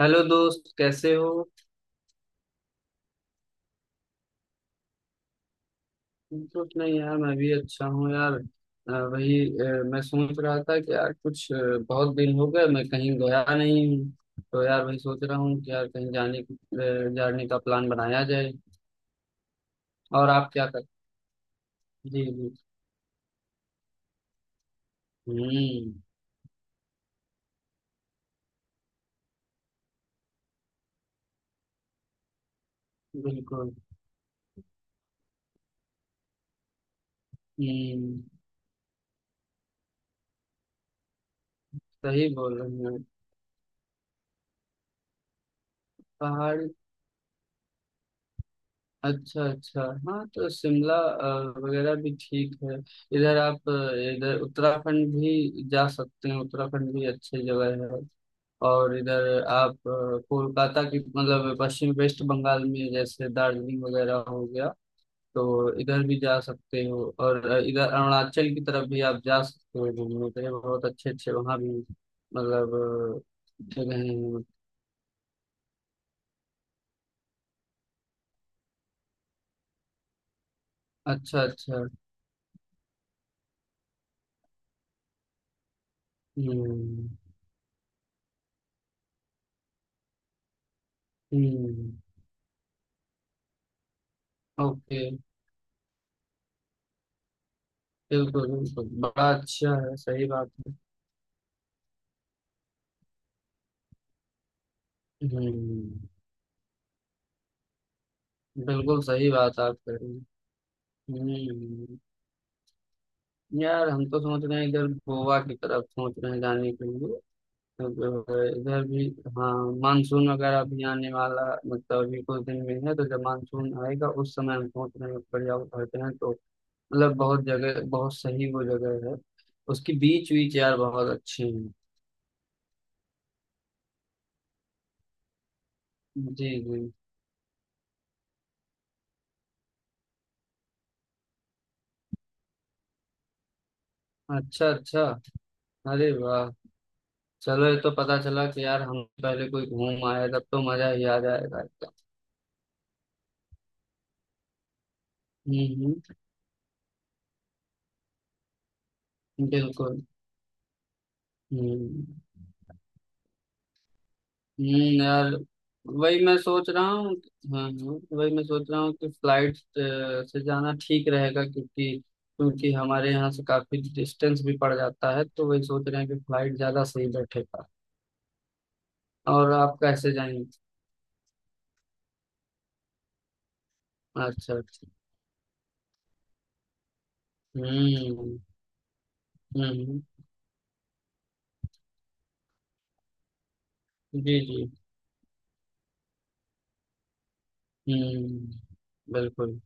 Hello दोस्त, कैसे हो। कुछ नहीं यार, मैं भी अच्छा हूँ यार। वही मैं सोच रहा था कि यार कुछ बहुत दिन हो गए मैं कहीं गया नहीं हूँ। तो यार वही सोच रहा हूँ कि यार कहीं जाने का प्लान बनाया जाए। और आप क्या कर। जी जी। हम्म। बिल्कुल। हम्म। सही बोल रहे हैं। पहाड़ी। अच्छा अच्छा। हाँ, तो शिमला वगैरह भी ठीक है। इधर उत्तराखंड भी जा सकते हैं, उत्तराखंड भी अच्छी जगह है। और इधर आप कोलकाता की मतलब पश्चिम वेस्ट बंगाल में जैसे दार्जिलिंग वगैरह हो गया। तो इधर भी जा सकते हो, और इधर अरुणाचल की तरफ भी आप जा सकते हो घूमने के लिए, बहुत अच्छे अच्छे वहाँ भी मतलब जगह हैं। अच्छा अच्छा। हम्म हम्म। ओके। बिल्कुल बिल्कुल, बड़ा अच्छा है, सही बात है। हम्म। बिल्कुल सही बात आप कह रहे हैं। हम्म। यार, हम तो सोच रहे हैं इधर गोवा की तरफ सोच रहे हैं जाने के लिए, तो जो है, इधर भी। हाँ। मानसून वगैरह भी आने वाला मतलब अभी कुछ दिन में है, तो जब मानसून आएगा उस समय हम सोच रहे हैं बढ़िया उतरते हैं, तो मतलब बहुत जगह, बहुत सही वो जगह है। उसकी बीच बीच यार बहुत अच्छे हैं। जी जी। अच्छा अच्छा। अरे वाह। चलो, ये तो पता चला कि यार हम पहले कोई घूम आए, तब तो मजा ही आ जाएगा एकदम। हम्म। बिल्कुल। हम्म यार। वही मैं सोच रहा हूँ। हाँ हाँ, वही मैं सोच रहा हूँ कि फ्लाइट से जाना ठीक रहेगा, क्योंकि क्योंकि हमारे यहाँ से काफी डिस्टेंस भी पड़ जाता है, तो वही सोच रहे हैं कि फ्लाइट ज्यादा सही बैठेगा। और आप कैसे जाएंगे? अच्छा अच्छा। हम्म हम्म। जी जी। हम्म। बिल्कुल।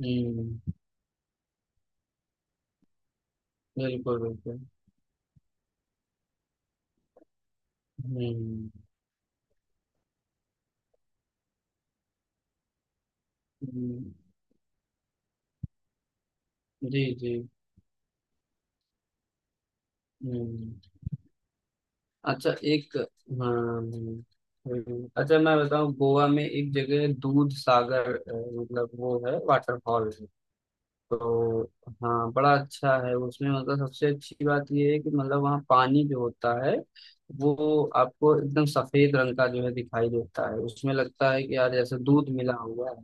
हम्म, बिल्कुल बिल्कुल। हम्म, हम्म। जी जी। हम्म, अच्छा, एक, हाँ, हम्म। अच्छा मैं बताऊं, गोवा में एक जगह है, दूध सागर मतलब वो है, वाटरफॉल है। तो हाँ, बड़ा अच्छा है, उसमें मतलब सबसे अच्छी बात ये है कि मतलब वहाँ पानी जो होता है, वो आपको एकदम सफेद रंग का जो है दिखाई देता है, उसमें लगता है कि यार जैसे दूध मिला हुआ है।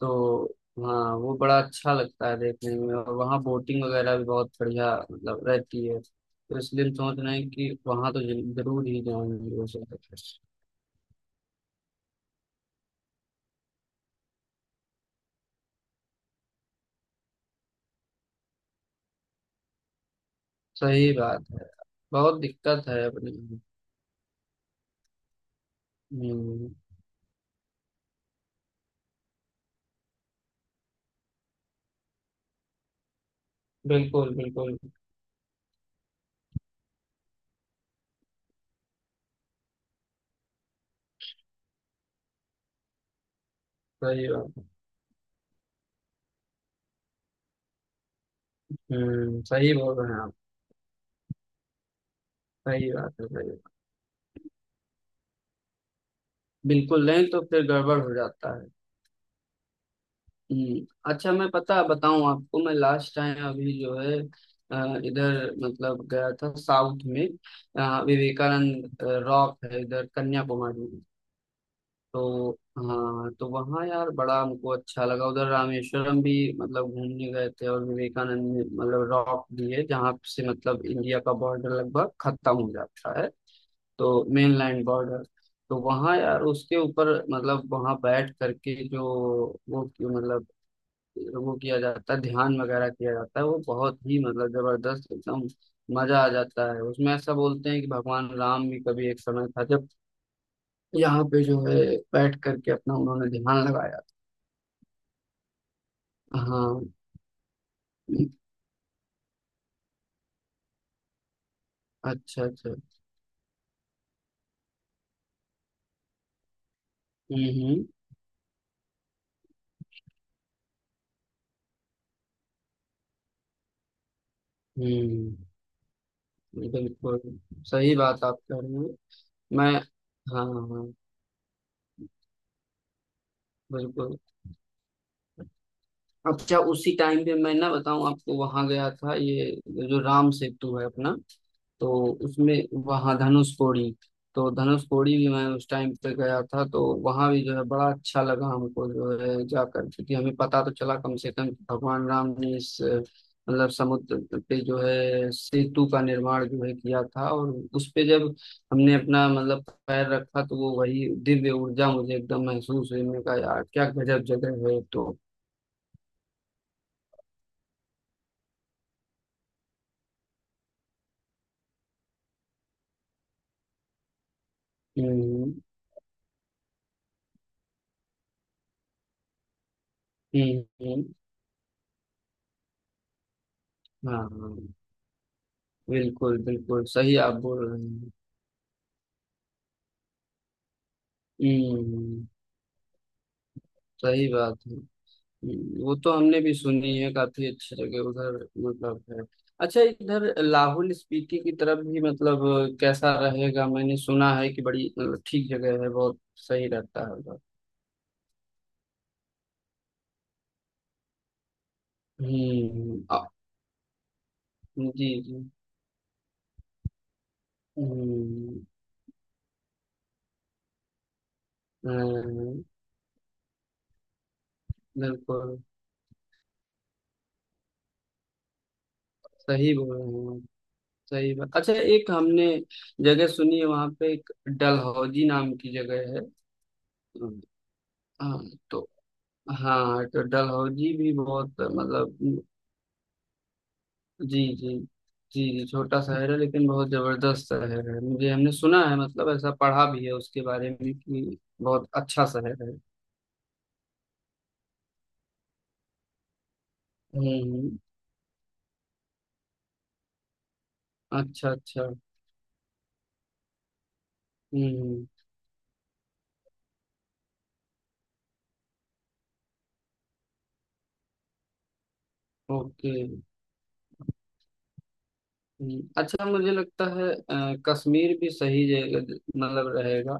तो हाँ, वो बड़ा अच्छा लगता है देखने में, और वहाँ बोटिंग वगैरह भी बहुत बढ़िया मतलब रहती है, तो इसलिए हम सोच रहे हैं कि वहाँ तो जरूर ही जाएंगे वो सब। सही बात है। बहुत दिक्कत है अपनी। हम्म, बिल्कुल बिल्कुल सही बात। हम्म, सही बोल रहे हैं आप। सही बात है, सही बात। बिल्कुल, नहीं तो फिर गड़बड़ हो जाता है। हम्म, अच्छा मैं पता बताऊं आपको, मैं लास्ट टाइम अभी जो है इधर मतलब गया था साउथ में। विवेकानंद रॉक है इधर कन्याकुमारी में। तो हाँ, तो वहाँ यार बड़ा हमको अच्छा लगा, उधर रामेश्वरम भी मतलब घूमने गए थे, और विवेकानंद में, मतलब रॉक भी है जहाँ से मतलब इंडिया का बॉर्डर लगभग खत्म हो जाता है। तो मेनलैंड बॉर्डर। तो वहाँ यार उसके ऊपर मतलब वहाँ बैठ करके जो वो मतलब वो किया जाता है, ध्यान वगैरह किया जाता है, वो बहुत ही मतलब जबरदस्त एकदम, मजा आ जाता है उसमें। ऐसा बोलते हैं कि भगवान राम भी कभी एक समय था जब यहाँ पे जो है बैठ करके अपना उन्होंने ध्यान लगाया था, हाँ। अच्छा अच्छा, हम्म हम्म हम्म। बिल्कुल सही बात आप कह रहे हो। मैं, हाँ हाँ हाँ, बिल्कुल। अच्छा, उसी टाइम पे मैं ना बताऊं आपको, वहां गया था ये जो राम सेतु है अपना। तो उसमें, वहाँ धनुष कोडी। तो धनुष कोडी भी मैं उस टाइम पे गया था, तो वहाँ भी जो है बड़ा अच्छा लगा हमको जो है जाकर, क्योंकि हमें पता तो चला कम से कम कि भगवान राम ने इस मतलब समुद्र पे जो है सेतु का निर्माण जो है किया था, और उस पे जब हमने अपना मतलब पैर रखा, तो वो वही दिव्य ऊर्जा मुझे एकदम महसूस हुई, मैंने कहा यार क्या गजब जगह है, तो। हम्म हम्म हम्म, हाँ हाँ, बिल्कुल बिल्कुल सही आप बोल रहे हैं। हम्म, सही बात है। वो तो हमने भी सुनी है, काफी अच्छी जगह उधर मतलब है। अच्छा, इधर लाहौल स्पीति की तरफ भी मतलब कैसा रहेगा? मैंने सुना है कि बड़ी मतलब, ठीक जगह है, बहुत सही रहता है उधर। हम्म, जी जी, हम्म। हाँ, बिल्कुल, सही बोल रहे हैं आप, सही बात। अच्छा, एक हमने जगह सुनी है, वहां पे एक डलहौजी नाम की जगह है। हाँ, तो हाँ, तो डलहौजी भी बहुत मतलब। जी जी, जी जी, छोटा शहर है लेकिन बहुत जबरदस्त शहर है, मुझे हमने सुना है मतलब, ऐसा पढ़ा भी है उसके बारे में कि बहुत अच्छा शहर है। हम्म, अच्छा अच्छा, हम्म। ओके। अच्छा मुझे लगता है कश्मीर भी सही जगह मतलब रहेगा।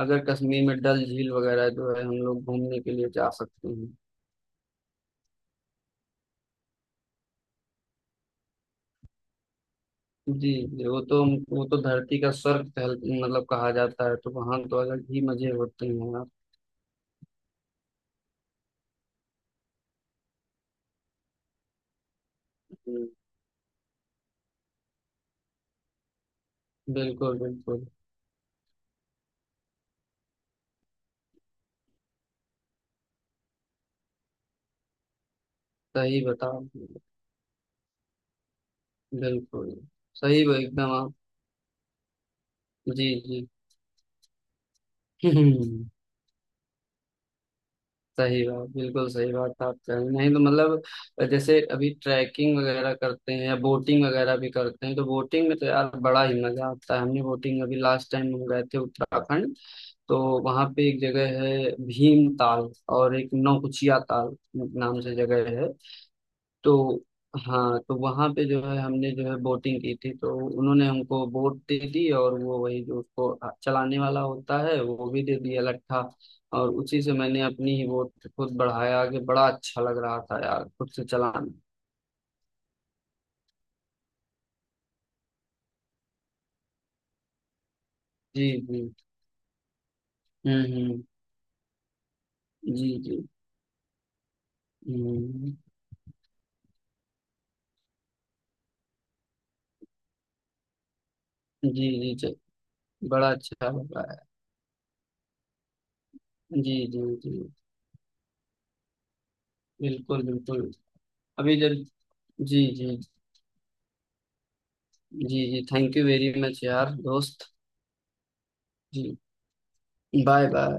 अगर कश्मीर में डल झील वगैरह जो है, हम लोग घूमने के लिए जा सकते हैं। जी जी, वो तो धरती का स्वर्ग मतलब कहा जाता है, तो वहां तो अलग ही मजे होते हैं आप। हम्म, बिल्कुल बिल्कुल, सही बताओ, बिल्कुल सही बात एकदम आप, जी जी। हम्म, सही बात, बिल्कुल सही बात आप कह रहे हैं। नहीं तो मतलब जैसे अभी ट्रैकिंग वगैरह करते हैं या बोटिंग वगैरह भी करते हैं, तो बोटिंग में तो यार बड़ा ही मजा आता है, हमने बोटिंग अभी लास्ट टाइम हम गए थे उत्तराखंड। तो वहां पे एक जगह है भीम ताल, और एक नौकुचिया ताल नाम से जगह है। तो हाँ, तो वहाँ पे जो है हमने जो है बोटिंग की थी, तो उन्होंने हमको बोट दे दी, और वो वही जो उसको चलाने वाला होता है वो भी दे दिया लट्ठा, और उसी से मैंने अपनी ही बोट खुद बढ़ाया आगे, बड़ा अच्छा लग रहा था यार खुद से चलाना। जी जी, हम्म, जी जी, हम्म, जी जी जी, बड़ा अच्छा लग रहा है, जी जी जी, बिल्कुल बिल्कुल, अभी जब, जी जी, जी जी, थैंक यू वेरी मच यार दोस्त। जी, बाय बाय।